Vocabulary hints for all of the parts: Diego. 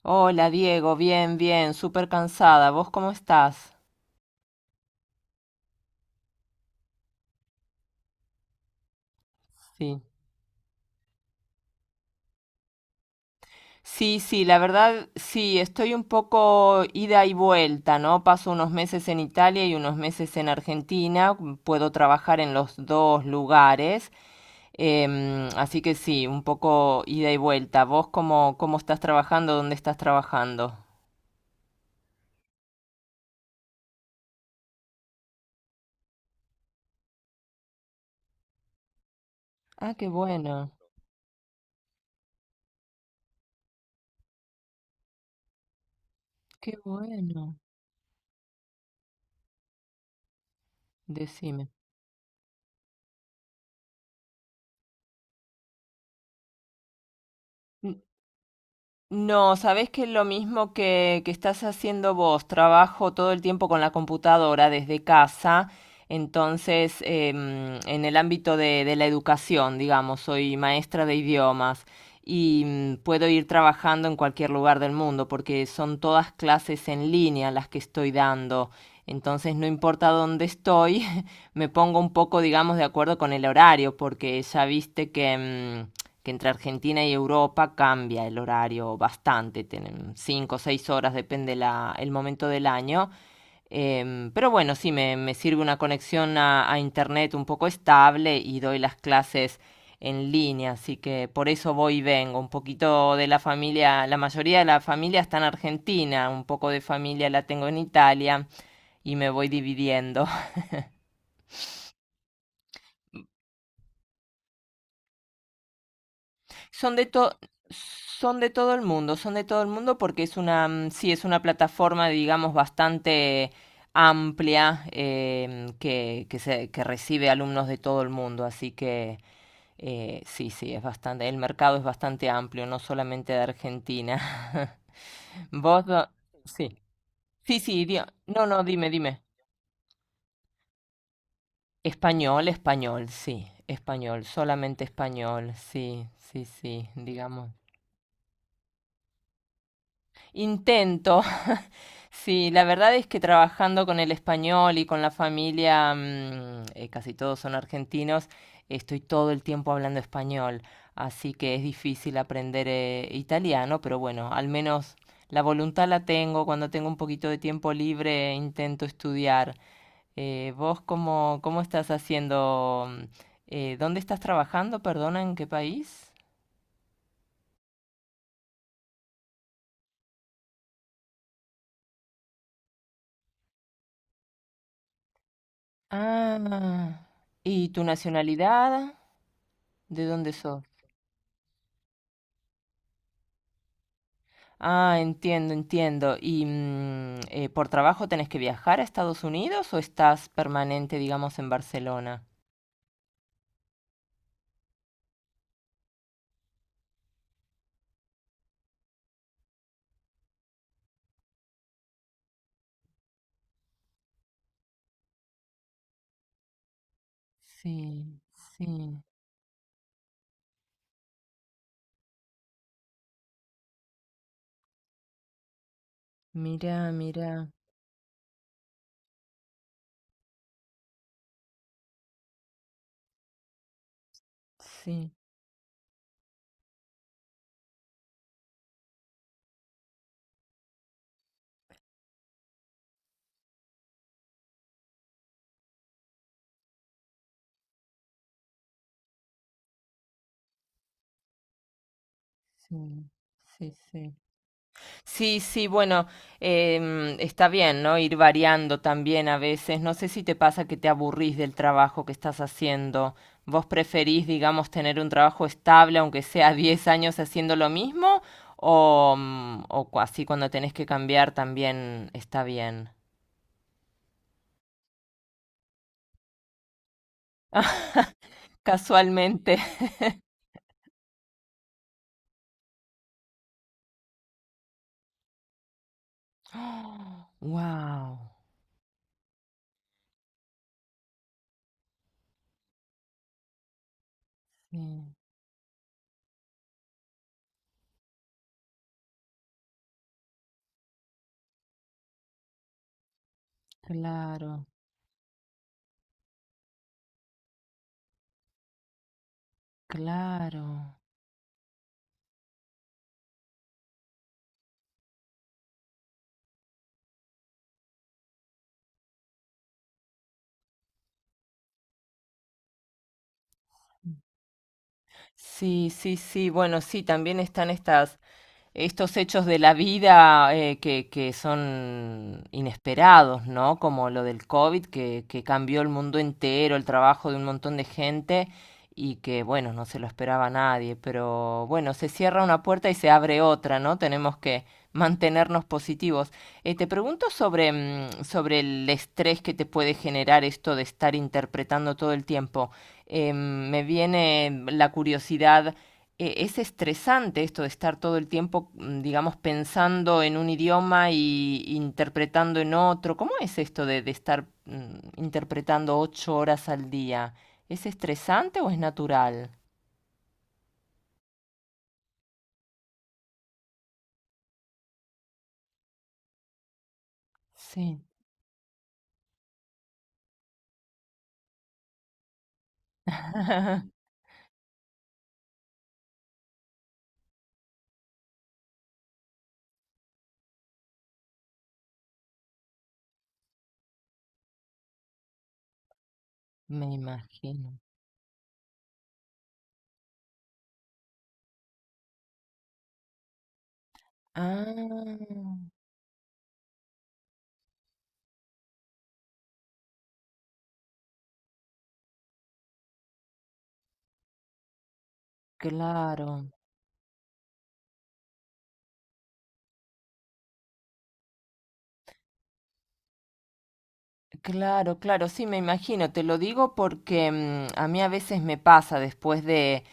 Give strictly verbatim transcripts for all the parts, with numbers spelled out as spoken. Hola Diego, bien, bien, súper cansada. ¿Vos cómo estás? Sí. Sí, sí, la verdad, sí, estoy un poco ida y vuelta, ¿no? Paso unos meses en Italia y unos meses en Argentina, puedo trabajar en los dos lugares, em, así que sí, un poco ida y vuelta. ¿Vos cómo, cómo estás trabajando? ¿Dónde estás trabajando? Ah, qué bueno, qué bueno, decime. No, sabés que es lo mismo que, que estás haciendo vos. Trabajo todo el tiempo con la computadora desde casa. Entonces, em, en el ámbito de, de la educación, digamos, soy maestra de idiomas y mm, puedo ir trabajando en cualquier lugar del mundo porque son todas clases en línea las que estoy dando. Entonces, no importa dónde estoy, me pongo un poco, digamos, de acuerdo con el horario, porque ya viste que, mm, que entre Argentina y Europa cambia el horario bastante, tienen cinco o seis horas, depende la, el momento del año. Em, pero bueno, sí, me, me sirve una conexión a, a internet un poco estable y doy las clases en línea, así que por eso voy y vengo. Un poquito de la familia, la mayoría de la familia está en Argentina, un poco de familia la tengo en Italia y me voy dividiendo. Son de to- Son de todo el mundo, son de todo el mundo porque es una, mm, sí, es una plataforma, digamos, bastante amplia em, que, que, se- que recibe alumnos de todo el mundo, así que eh, sí, sí, es bastante, el mercado es bastante amplio, no solamente de Argentina. Vos, do- sí, sí, sí, di- no, no, dime, dime. Español, español, sí, español, solamente español, sí, sí, sí, digamos. Intento. Sí, la verdad es que trabajando con el español y con la familia, mm, eh, casi todos son argentinos, estoy todo el tiempo hablando español, así que es difícil aprender eh, italiano, pero bueno, al menos la voluntad la tengo, cuando tengo un poquito de tiempo libre eh, intento estudiar. Eh, ¿vos cómo, cómo estás haciendo? Mm, eh, ¿dónde estás trabajando? Perdona, ¿en qué país? Ah, ¿y tu nacionalidad? ¿De dónde sos? Ah, entiendo, entiendo. ¿Y mm, eh, por trabajo tenés que viajar a Estados Unidos o estás permanente, digamos, en Barcelona? Sí, sí. Mira, mira. Sí, sí, sí, sí. Sí, sí, bueno, em, está bien, ¿no? Ir variando también a veces. No sé si te pasa que te aburrís del trabajo que estás haciendo. ¿Vos preferís, digamos, tener un trabajo estable, aunque sea diez años haciendo lo mismo? O, mm, o cu- así cuando tenés que cambiar también está bien. Casualmente. Wow. Sí, claro, claro. Sí, sí, sí. Bueno, sí, también están estas estos hechos de la vida eh, que, que son inesperados, ¿no? Como lo del COVID, que, que cambió el mundo entero, el trabajo de un montón de gente y que, bueno, no se lo esperaba nadie, pero bueno, se cierra una puerta y se abre otra, ¿no? Tenemos que mantenernos positivos. Eh, te pregunto sobre, mm, sobre el estrés que te puede generar esto de estar interpretando todo el tiempo. Eh, me viene la curiosidad eh, es estresante esto de estar todo el tiempo, mm, digamos, pensando en un idioma y interpretando en otro. ¿Cómo es esto de, de estar mm, interpretando ocho horas al día? ¿Es estresante o es natural? Sí. Me imagino. Ah, claro, claro, claro, sí, me imagino. Te lo digo porque mm, a mí a veces me pasa después de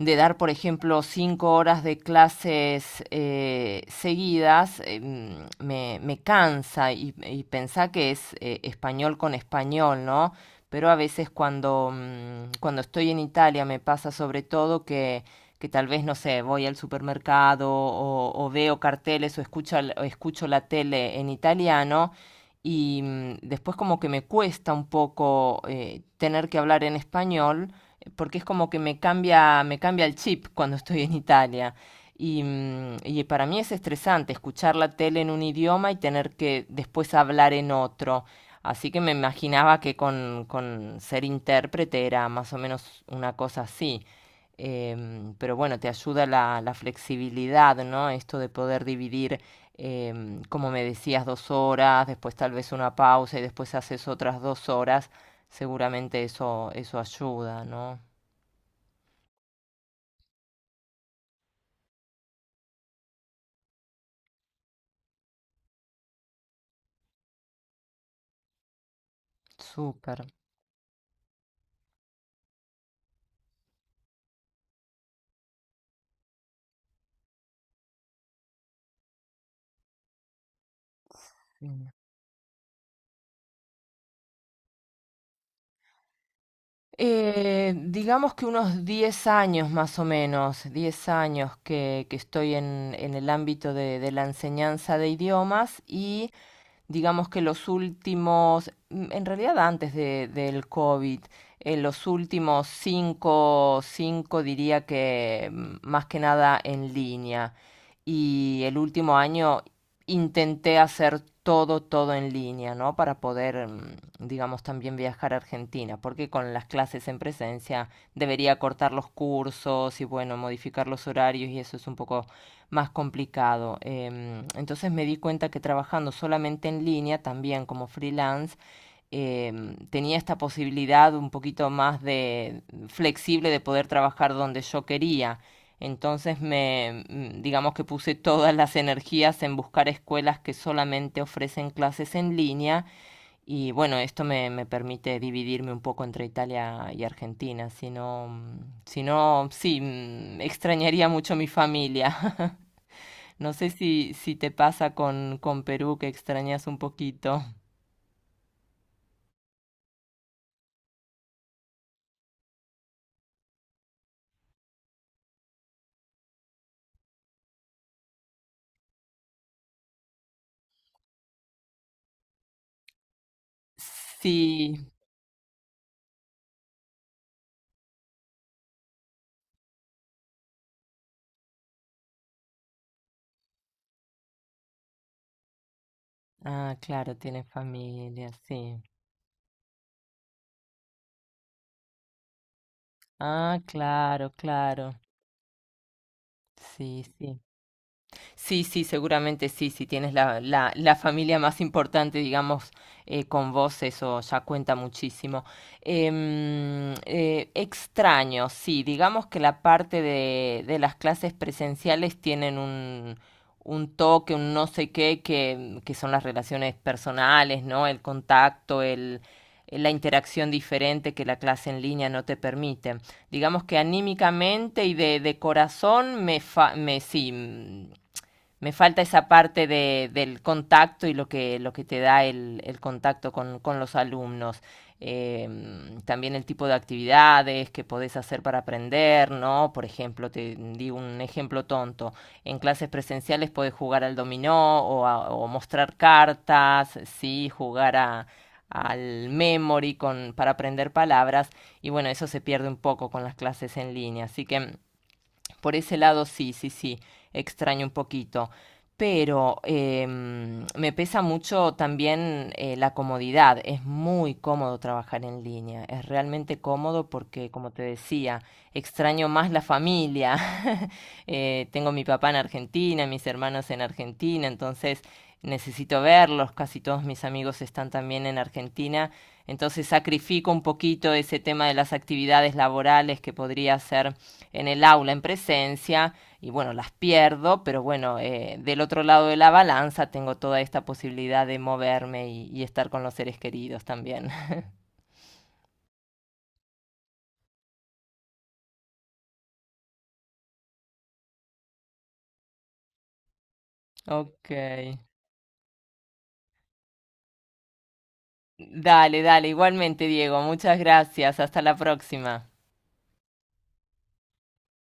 de dar, por ejemplo, cinco horas de clases eh, seguidas, eh, mm, me, me cansa y, y pensá que es eh, español con español, ¿no? Pero a veces cuando, mm, cuando estoy en Italia me pasa sobre todo que, que tal vez, no sé, voy al supermercado o, o veo carteles o escucho, o escucho la tele en italiano y mm, después como que me cuesta un poco eh, tener que hablar en español porque es como que me cambia, me cambia el chip cuando estoy en Italia. Y, mm, y para mí es estresante escuchar la tele en un idioma y tener que después hablar en otro. Así que me imaginaba que con, con ser intérprete era más o menos una cosa así. Em, pero bueno, te ayuda la, la flexibilidad, ¿no? Esto de poder dividir, em, como me decías, dos horas, después tal vez una pausa y después haces otras dos horas. Seguramente eso, eso ayuda, ¿no? Súper. Sí. Eh, digamos que unos diez años más o menos, diez años que, que estoy en, en el ámbito de, de la enseñanza de idiomas y digamos que los últimos, mm, en realidad antes de- del COVID, en los últimos cinco cinco diría que mm, más que nada en línea y el último año intenté hacer todo, todo en línea, ¿no? Para poder, mm, digamos, también viajar a Argentina, porque con las clases en presencia debería cortar los cursos y, bueno, modificar los horarios y eso es un poco más complicado. Em, entonces me di cuenta que trabajando solamente en línea, también como freelance, em, tenía esta posibilidad un poquito más de flexible de poder trabajar donde yo quería. Entonces me, mm, digamos que puse todas las energías en buscar escuelas que solamente ofrecen clases en línea y bueno, esto me, me permite dividirme un poco entre Italia y Argentina, si no, mm, si no, sí, mm, extrañaría mucho mi familia. No sé si, si te pasa con, con Perú que extrañas un poquito. Sí, ah, claro, tienes familia, sí. Ah, claro, claro. Sí, sí. Sí, sí, seguramente sí, si tienes la, la, la familia más importante, digamos, eh, con vos, eso ya cuenta muchísimo. Em, eh, extraño, sí, digamos que la parte de, de las clases presenciales tienen un, un toque, un no sé qué, que, que son las relaciones personales, ¿no? El contacto, el, la interacción diferente que la clase en línea no te permite digamos que anímicamente y de, de corazón me, fa- me sí, me falta esa parte de, del contacto y lo que, lo que te da el, el contacto con, con los alumnos. Eh, también el tipo de actividades que podés hacer para aprender, ¿no? Por ejemplo, te di un ejemplo tonto. En clases presenciales podés jugar al dominó o, a- o mostrar cartas, sí, jugar a- al memory con, para aprender palabras y bueno, eso se pierde un poco con las clases en línea. Así que por ese lado sí, sí, sí, extraño un poquito. Pero eh, me pesa mucho también eh, la comodidad. Es muy cómodo trabajar en línea. Es realmente cómodo porque, como te decía, extraño más la familia. Eh, tengo mi papá en Argentina, mis hermanos en Argentina, entonces necesito verlos. Casi todos mis amigos están también en Argentina. Entonces sacrifico un poquito ese tema de las actividades laborales que podría hacer en el aula en presencia y bueno, las pierdo, pero bueno, eh, del otro lado de la balanza tengo toda esta posibilidad de moverme y, y estar con los seres queridos también. Ok. Dale, dale, igualmente Diego, muchas gracias, hasta la próxima.